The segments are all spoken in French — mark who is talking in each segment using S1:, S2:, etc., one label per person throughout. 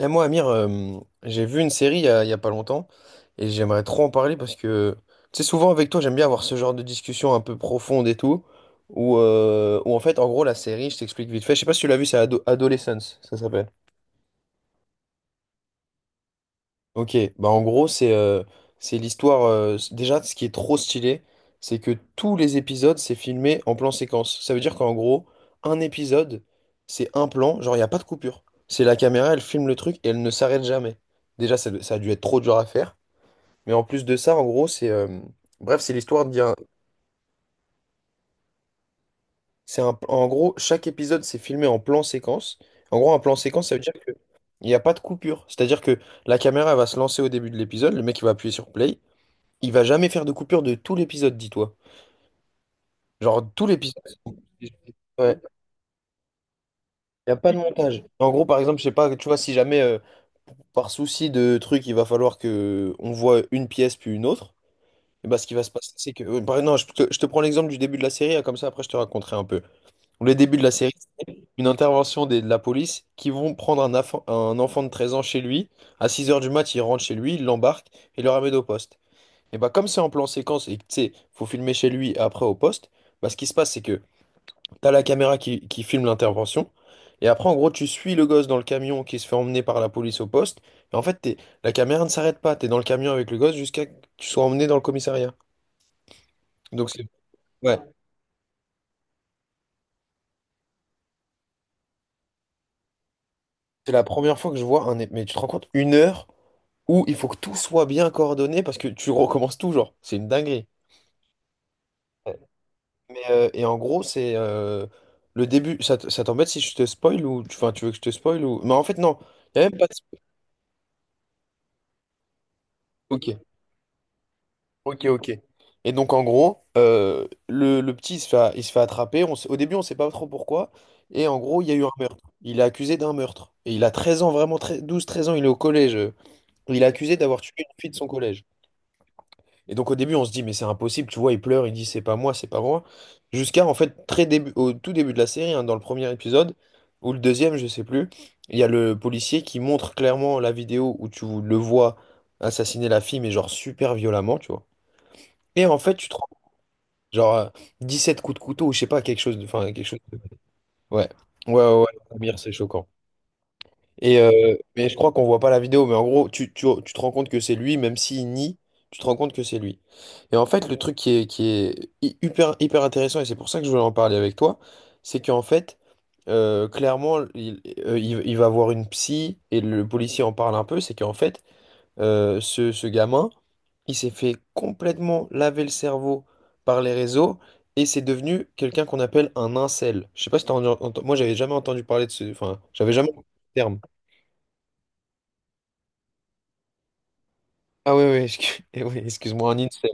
S1: Et moi, Amir, j'ai vu une série il y a pas longtemps et j'aimerais trop en parler parce que, tu sais, souvent avec toi, j'aime bien avoir ce genre de discussion un peu profonde et tout, où en fait, en gros, la série, je t'explique vite fait, je sais pas si tu l'as vu, c'est Adolescence, ça s'appelle. Ok, bah, en gros, c'est l'histoire. Déjà, ce qui est trop stylé, c'est que tous les épisodes, c'est filmé en plan séquence. Ça veut dire qu'en gros, un épisode, c'est un plan, genre, il n'y a pas de coupure. C'est la caméra, elle filme le truc et elle ne s'arrête jamais. Déjà ça, ça a dû être trop dur à faire, mais en plus de ça, en gros, c'est bref, c'est l'histoire d'un... C'est un, en gros, chaque épisode, c'est filmé en plan séquence. En gros, un plan séquence, ça veut dire que il n'y a pas de coupure, c'est-à-dire que la caméra, elle va se lancer au début de l'épisode, le mec il va appuyer sur play. Il va jamais faire de coupure de tout l'épisode, dis-toi. Genre, tout l'épisode. Ouais, il n'y a pas de montage. En gros, par exemple, je sais pas, tu vois, si jamais par souci de truc, il va falloir que on voit une pièce puis une autre, et bah, ce qui va se passer, c'est que... bah, non, je te prends l'exemple du début de la série, hein, comme ça après je te raconterai un peu. Le début de la série, c'est une intervention de la police qui vont prendre un, un enfant de 13 ans chez lui. À 6 heures du mat, ils rentrent chez lui, ils l'embarquent et le ramènent au poste. Et bah, comme c'est en plan séquence et que tu sais, faut filmer chez lui et après au poste, bah, ce qui se passe, c'est que... T'as la caméra qui filme l'intervention. Et après, en gros, tu suis le gosse dans le camion qui se fait emmener par la police au poste. Et en fait, la caméra ne s'arrête pas. T'es dans le camion avec le gosse jusqu'à que tu sois emmené dans le commissariat. Donc, c'est... Ouais, c'est la première fois que je vois un. Mais tu te rends compte, une heure où il faut que tout soit bien coordonné parce que tu recommences tout, genre. C'est une dinguerie. Ouais. Mais, et en gros, c'est le début. Ça, ça t'embête si je te spoil ou... Enfin, tu veux que je te spoil ou... Mais en fait, non. Il n'y a même pas de spoil. Ok, ok. Et donc, en gros, le petit il se fait, il se fait attraper. Au début, on sait pas trop pourquoi. Et en gros, il y a eu un meurtre. Il est accusé d'un meurtre. Et il a 13 ans, 12, 13 ans, il est au collège. Il est accusé d'avoir tué une fille de son collège. Et donc, au début, on se dit, mais c'est impossible, tu vois, il pleure, il dit, c'est pas moi, c'est pas moi. Jusqu'à, en fait, très début, au tout début de la série, hein, dans le premier épisode, ou le deuxième, je sais plus, il y a le policier qui montre clairement la vidéo où tu le vois assassiner la fille, mais genre super violemment, tu vois. Et en fait, tu te... Genre euh, sept coups de couteau, ou je sais pas, quelque chose de... Enfin, quelque chose ouais. Ouais, ouais, ouais, la première, c'est choquant. Et mais je crois qu'on voit pas la vidéo, mais en gros, tu te rends compte que c'est lui, même s'il nie, tu te rends compte que c'est lui. Et en fait, le truc qui est hyper intéressant, et c'est pour ça que je voulais en parler avec toi, c'est qu'en fait, clairement, il va voir une psy, et le policier en parle un peu, c'est qu'en fait, ce gamin, il s'est fait complètement laver le cerveau par les réseaux et c'est devenu quelqu'un qu'on appelle un incel. Je sais pas si t'as entendu, moi j'avais jamais entendu parler de ce, enfin, j'avais jamais entendu ce terme. Ah oui, oui, eh oui, excuse-moi, un incel.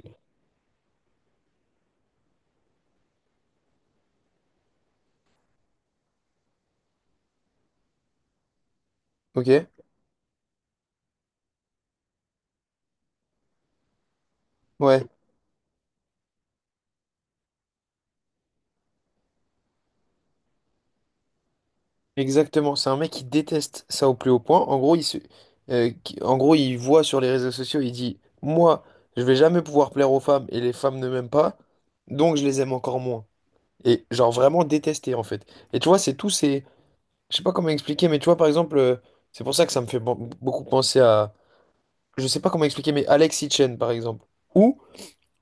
S1: Ok, ouais, exactement. C'est un mec qui déteste ça au plus haut point. En gros, en gros, il voit sur les réseaux sociaux, il dit, moi, je vais jamais pouvoir plaire aux femmes et les femmes ne m'aiment pas, donc je les aime encore moins. Et genre vraiment détesté en fait. Et tu vois, c'est tout... Je sais pas comment expliquer, mais tu vois, par exemple, c'est pour ça que ça me fait beaucoup penser à... Je sais pas comment expliquer, mais Alex Hitchen, par exemple. Ou,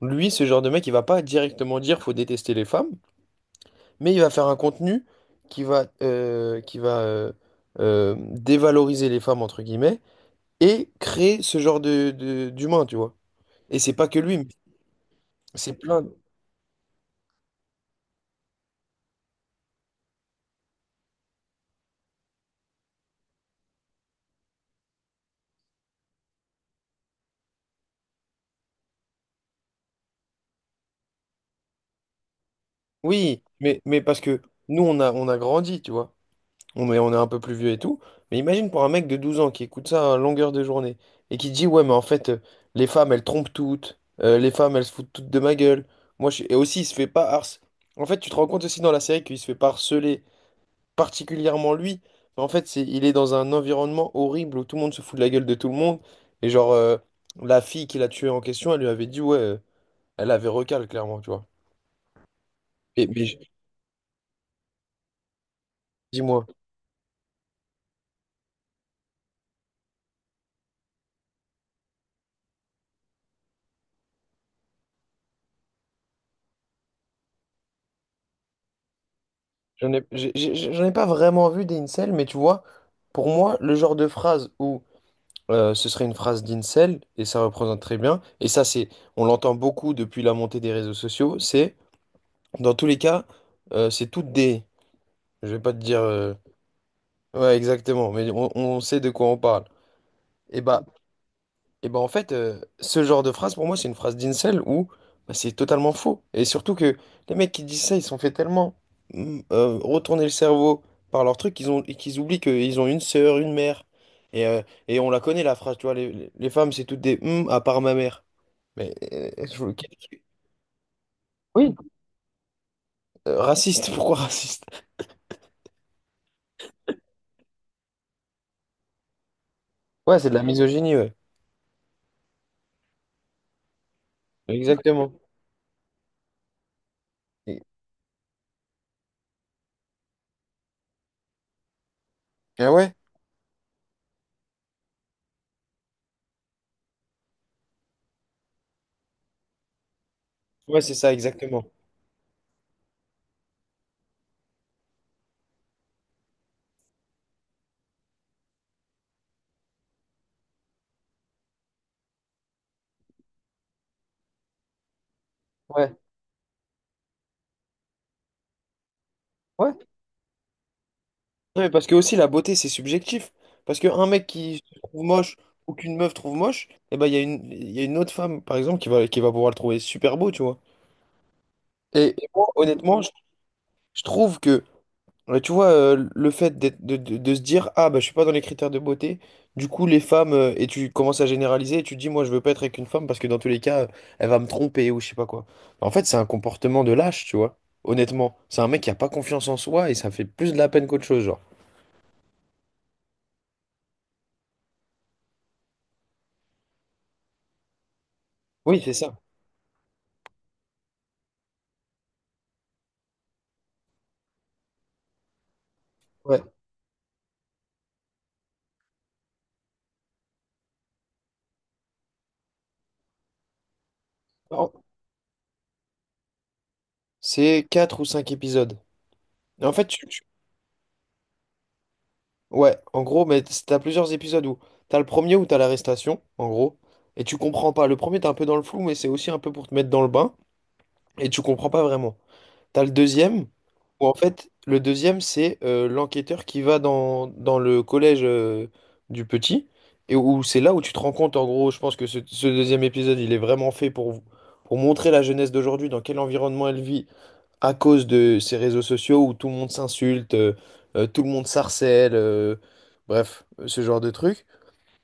S1: lui, ce genre de mec, il va pas directement dire faut détester les femmes, mais il va faire un contenu qui va dévaloriser les femmes, entre guillemets, et créer ce genre de, d'humain, tu vois. Et c'est pas que lui, mais c'est plein. Oui, mais parce que nous, on a grandi, tu vois. On est un peu plus vieux et tout. Mais imagine pour un mec de 12 ans qui écoute ça à longueur de journée et qui dit, ouais, mais en fait, les femmes, elles trompent toutes. Les femmes, elles se foutent toutes de ma gueule. Moi, je suis... Et aussi, il se fait pas harceler. En fait, tu te rends compte aussi dans la série qu'il se fait pas harceler, particulièrement lui. Mais en fait, c'est, il est dans un environnement horrible où tout le monde se fout de la gueule de tout le monde. Et genre, la fille qui l'a tué en question, elle lui avait dit, ouais, elle avait recal, clairement, tu vois. Et, mais je- dis-moi. J'en ai pas vraiment vu des incels, mais tu vois, pour moi, le genre de phrase où ce serait une phrase d'incel, et ça représente très bien, et ça, c'est, on l'entend beaucoup depuis la montée des réseaux sociaux, c'est, dans tous les cas, c'est toutes des... Je vais pas te dire... Ouais, exactement, mais on sait de quoi on parle. Et bah, et ben en fait, ce genre de phrase, pour moi, c'est une phrase d'insel où bah, c'est totalement faux. Et surtout que les mecs qui disent ça, ils sont fait tellement retourner le cerveau par leur truc qu'ils ont, qu'ils oublient qu'ils ont une sœur, une mère. Et, euh, et on la connaît, la phrase, tu vois, les femmes, c'est toutes des à part ma mère. Mais oui, raciste, pourquoi raciste? Ouais, c'est de la misogynie, ouais. Exactement. Et- Ah ouais? Ouais, c'est ça, exactement. Ouais. Ouais. Ouais, parce que aussi la beauté c'est subjectif. Parce qu'un mec qui se trouve moche ou qu'une meuf trouve moche, et ben il y a une autre femme par exemple qui va pouvoir le trouver super beau, tu vois. Et moi honnêtement, je trouve que, tu vois, le fait de se dire, ah bah je suis pas dans les critères de beauté, du coup les femmes, et tu commences à généraliser et tu te dis, moi je veux pas être avec une femme parce que dans tous les cas, elle va me tromper ou je sais pas quoi. En fait, c'est un comportement de lâche, tu vois. Honnêtement, c'est un mec qui a pas confiance en soi et ça fait plus de la peine qu'autre chose, genre. Oui, c'est ça. Ouais. C'est 4 ou 5 épisodes. Et en fait, ouais, en gros, mais t'as plusieurs épisodes où t'as le premier où t'as l'arrestation, en gros, et tu comprends pas. Le premier, t'es un peu dans le flou, mais c'est aussi un peu pour te mettre dans le bain, et tu comprends pas vraiment. T'as le deuxième, où en fait, le deuxième, c'est l'enquêteur qui va dans, dans le collège du petit, et où c'est là où tu te rends compte, en gros, je pense que ce deuxième épisode, il est vraiment fait pour montrer la jeunesse d'aujourd'hui, dans quel environnement elle vit, à cause de ces réseaux sociaux où tout le monde s'insulte, tout le monde s'harcèle, bref, ce genre de truc.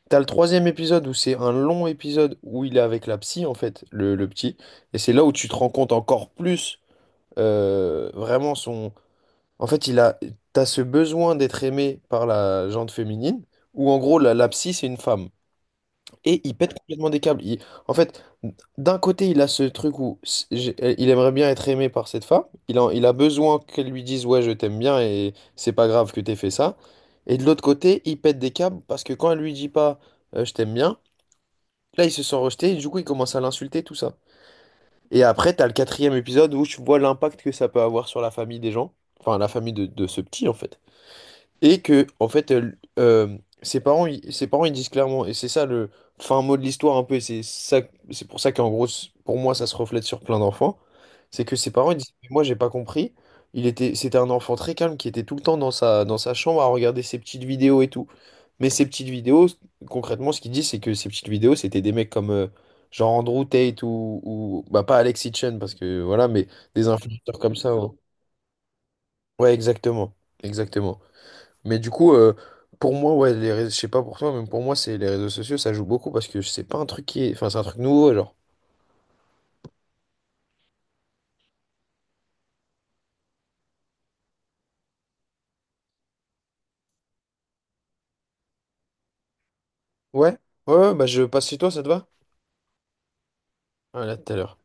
S1: T'as le troisième épisode où c'est un long épisode où il est avec la psy, en fait, le petit. Et c'est là où tu te rends compte encore plus, vraiment son... En fait, il a... t'as ce besoin d'être aimé par la gente féminine, où en gros, la psy, c'est une femme. Et il pète complètement des câbles. Il- En fait, d'un côté, il a ce truc où il aimerait bien être aimé par cette femme. Il a besoin qu'elle lui dise, ouais, je t'aime bien et c'est pas grave que t'aies fait ça. Et de l'autre côté, il pète des câbles parce que quand elle lui dit pas, je t'aime bien, là, il se sent rejeté et du coup, il commence à l'insulter, tout ça. Et après, t'as le quatrième épisode où tu vois l'impact que ça peut avoir sur la famille des gens. Enfin, la famille de ce petit, en fait. Et que, en fait, euh, ses parents, ses parents, ils disent clairement, et c'est ça le fin mot de l'histoire un peu, et c'est ça, c'est pour ça qu'en gros, pour moi, ça se reflète sur plein d'enfants, c'est que ses parents, ils disent, mais moi, j'ai pas compris, il était, c'était un enfant très calme qui était tout le temps dans sa chambre à regarder ses petites vidéos et tout. Mais ces petites vidéos, concrètement, ce qu'il dit, c'est que ces petites vidéos, c'était des mecs comme, genre Andrew Tate ou, bah, pas Alex Hitchen, parce que voilà, mais des influenceurs comme ça. Ouais, ouais, exactement, exactement. Mais du coup, pour moi, ouais, les réseaux, je sais pas pour toi, mais pour moi, c'est les réseaux sociaux, ça joue beaucoup parce que c'est pas un truc qui est... Enfin, c'est un truc nouveau, genre. Ouais, ouais, ouais, bah je passe chez toi, ça te va? Ah, là, tout à l'heure.